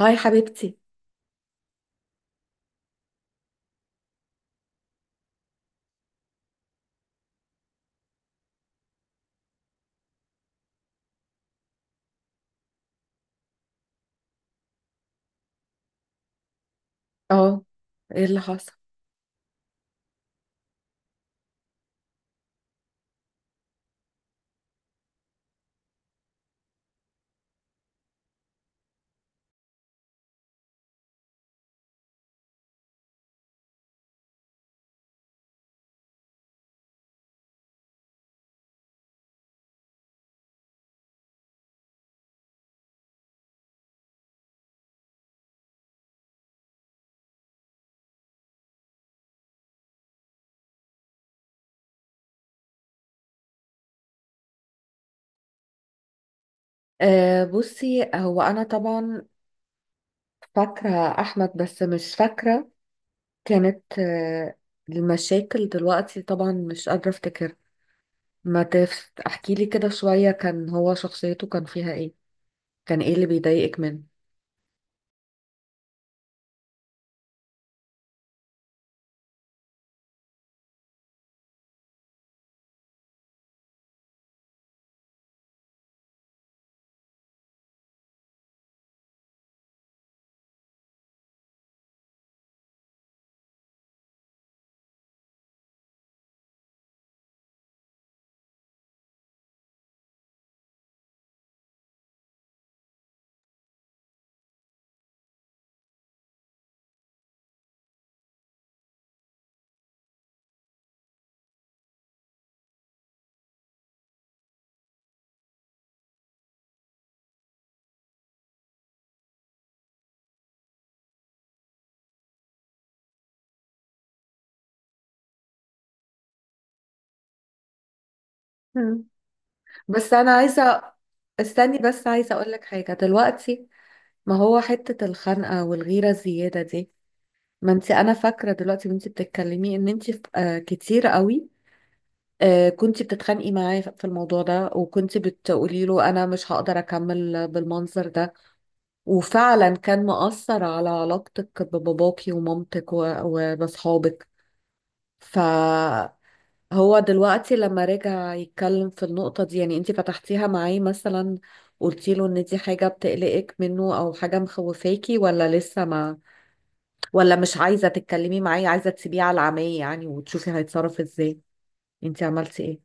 هاي حبيبتي. اه، ايه اللي حصل؟ بصي، هو انا طبعا فاكره احمد، بس مش فاكره كانت المشاكل دلوقتي. طبعا مش قادره افتكر. ما تف... احكي لي كده شويه، كان هو شخصيته كان فيها ايه؟ كان ايه اللي بيضايقك منه؟ مم. بس انا عايزه، استني بس، عايزه اقول لك حاجه دلوقتي. ما هو حته الخنقه والغيره الزياده دي، ما انت انا فاكره دلوقتي وانت بتتكلمي ان انت كتير قوي، كنتي بتتخانقي معاه في الموضوع ده، وكنتي بتقولي له انا مش هقدر اكمل بالمنظر ده. وفعلا كان مؤثر على علاقتك بباباكي ومامتك وبصحابك. فهو دلوقتي لما رجع يتكلم في النقطة دي، يعني انتي فتحتيها معاه مثلا؟ قلتي له ان دي حاجة بتقلقك منه او حاجة مخوفاكي؟ ولا لسه ما ولا مش عايزة تتكلمي معاه، عايزة تسيبيه على العمية يعني وتشوفي هيتصرف ازاي؟ انتي عملتي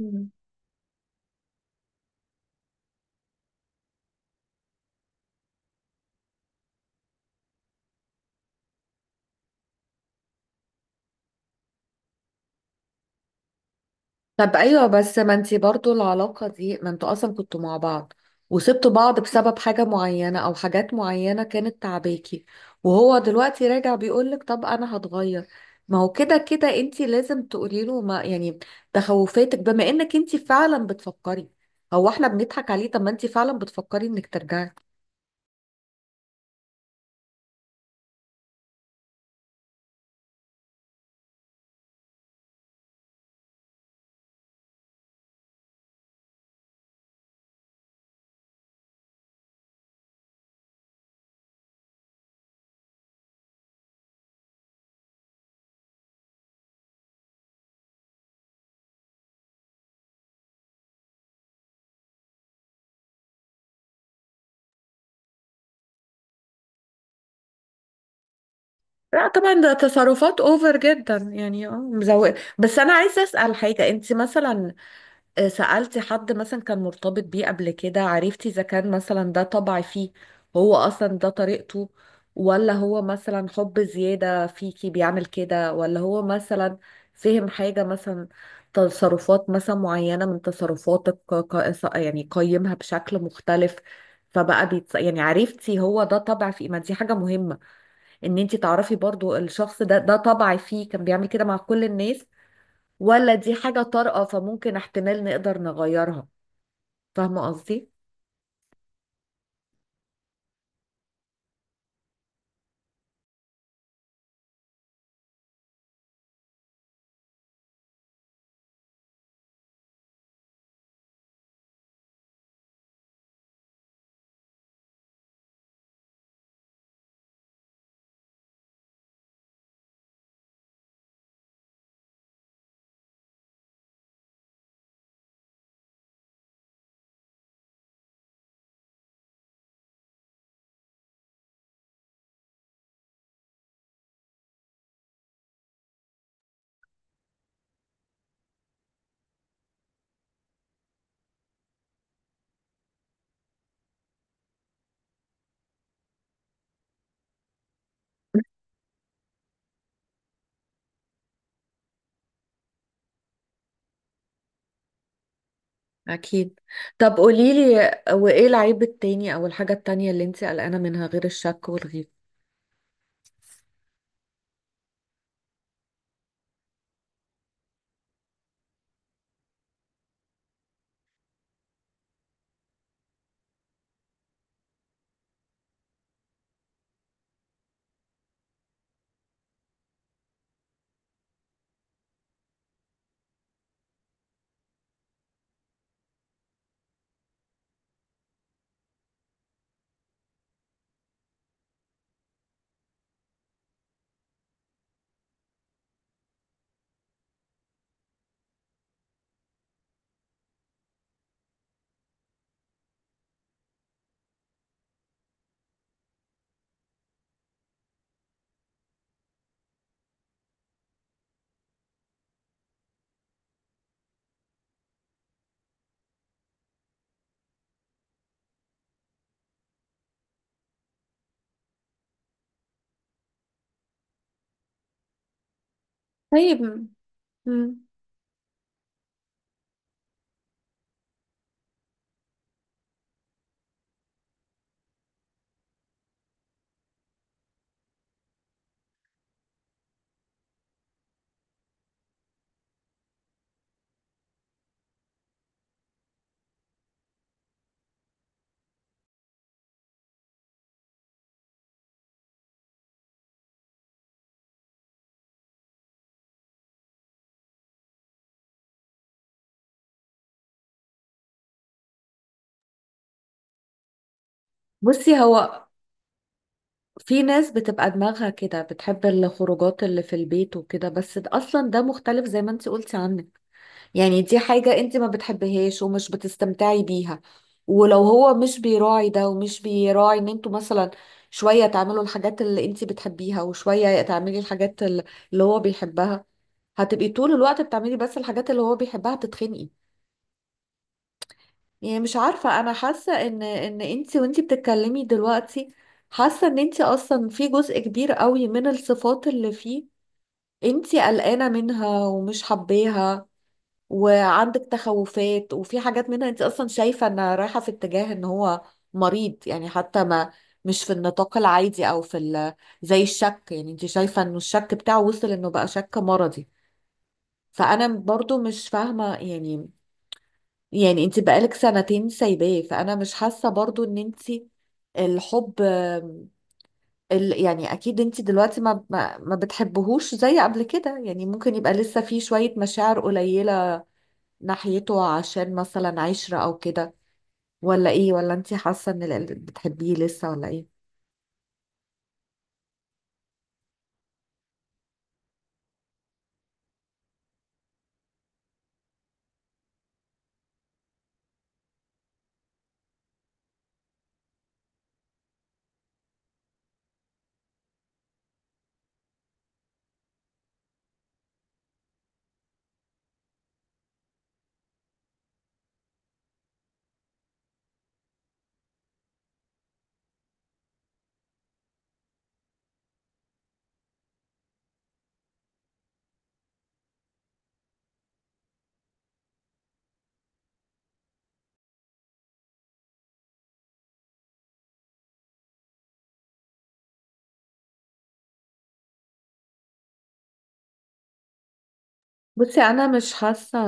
ايه؟ طب ايوه، بس ما انتي برضو العلاقة دي، ما انتوا اصلا كنتوا مع بعض وسبتوا بعض بسبب حاجة معينة او حاجات معينة كانت تعباكي. وهو دلوقتي راجع بيقولك طب انا هتغير. ما هو كده كده انتي لازم تقولي له، ما يعني تخوفاتك، بما انك انتي فعلا بتفكري. هو احنا بنضحك عليه؟ طب ما انتي فعلا بتفكري انك ترجعي. لا طبعا، ده تصرفات اوفر جدا يعني، اه مزوقة. بس انا عايزه اسال حاجه، انت مثلا سألتي حد مثلا كان مرتبط بيه قبل كده، عرفتي إذا كان مثلا ده طبع فيه؟ هو أصلا ده طريقته، ولا هو مثلا حب زيادة فيكي بيعمل كده، ولا هو مثلا فهم حاجة مثلا، تصرفات مثلا معينة من تصرفاتك، يعني قيمها بشكل مختلف؟ يعني عرفتي هو ده طبع فيه؟ ما دي حاجة مهمة ان انت تعرفي برضو الشخص ده، ده طبع فيه كان بيعمل كده مع كل الناس، ولا دي حاجة طارئة فممكن احتمال نقدر نغيرها. فاهمة قصدي؟ اكيد. طب قوليلي، وايه العيب التاني او الحاجة التانية اللي انت قلقانة منها غير الشك والغيره؟ طيب. مم. بصي هو، في ناس بتبقى دماغها كده بتحب الخروجات اللي في البيت وكده، بس اصلا ده مختلف زي ما انت قلتي عنك. يعني دي حاجة انت ما بتحبهاش ومش بتستمتعي بيها. ولو هو مش بيراعي ده ومش بيراعي ان انتوا مثلا شوية تعملوا الحاجات اللي انت بتحبيها وشوية تعملي الحاجات اللي هو بيحبها، هتبقي طول الوقت بتعملي بس الحاجات اللي هو بيحبها تتخنقي. يعني مش عارفة، انا حاسة ان انت وانت بتتكلمي دلوقتي، حاسة ان انت اصلا في جزء كبير قوي من الصفات اللي فيه انت قلقانة منها ومش حباها، وعندك تخوفات، وفي حاجات منها انت اصلا شايفة ان رايحة في اتجاه ان هو مريض يعني. حتى ما مش في النطاق العادي او في زي الشك، يعني انت شايفة انه الشك بتاعه وصل انه بقى شك مرضي. فانا برضو مش فاهمة يعني انت بقالك سنتين سايباه، فانا مش حاسة برضو ان انت الحب يعني اكيد انت دلوقتي ما بتحبهوش زي قبل كده، يعني ممكن يبقى لسه في شوية مشاعر قليلة ناحيته عشان مثلا عشرة او كده، ولا ايه؟ ولا انتي حاسة ان بتحبيه لسه، ولا ايه؟ بصي، انا مش حاسة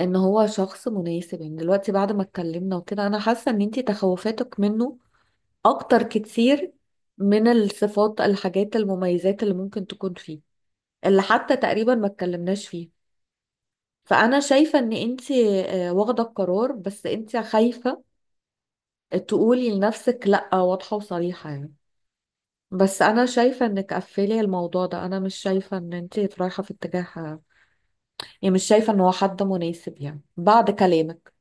ان هو شخص مناسب يعني. دلوقتي بعد ما اتكلمنا وكده، انا حاسة ان انتي تخوفاتك منه اكتر كتير من الصفات الحاجات المميزات اللي ممكن تكون فيه، اللي حتى تقريبا ما اتكلمناش فيه. فانا شايفة ان انتي واخدة القرار، بس انتي خايفة تقولي لنفسك لا واضحة وصريحة يعني. بس انا شايفه انك قفلي الموضوع ده، انا مش شايفه ان انت رايحه في اتجاه. يعني مش شايفه ان هو حد مناسب يعني بعد كلامك.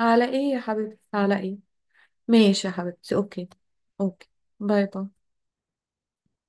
على ايه يا حبيبتي، على ايه؟ ماشي يا حبيبتي، اوكي. اوكي. باي باي.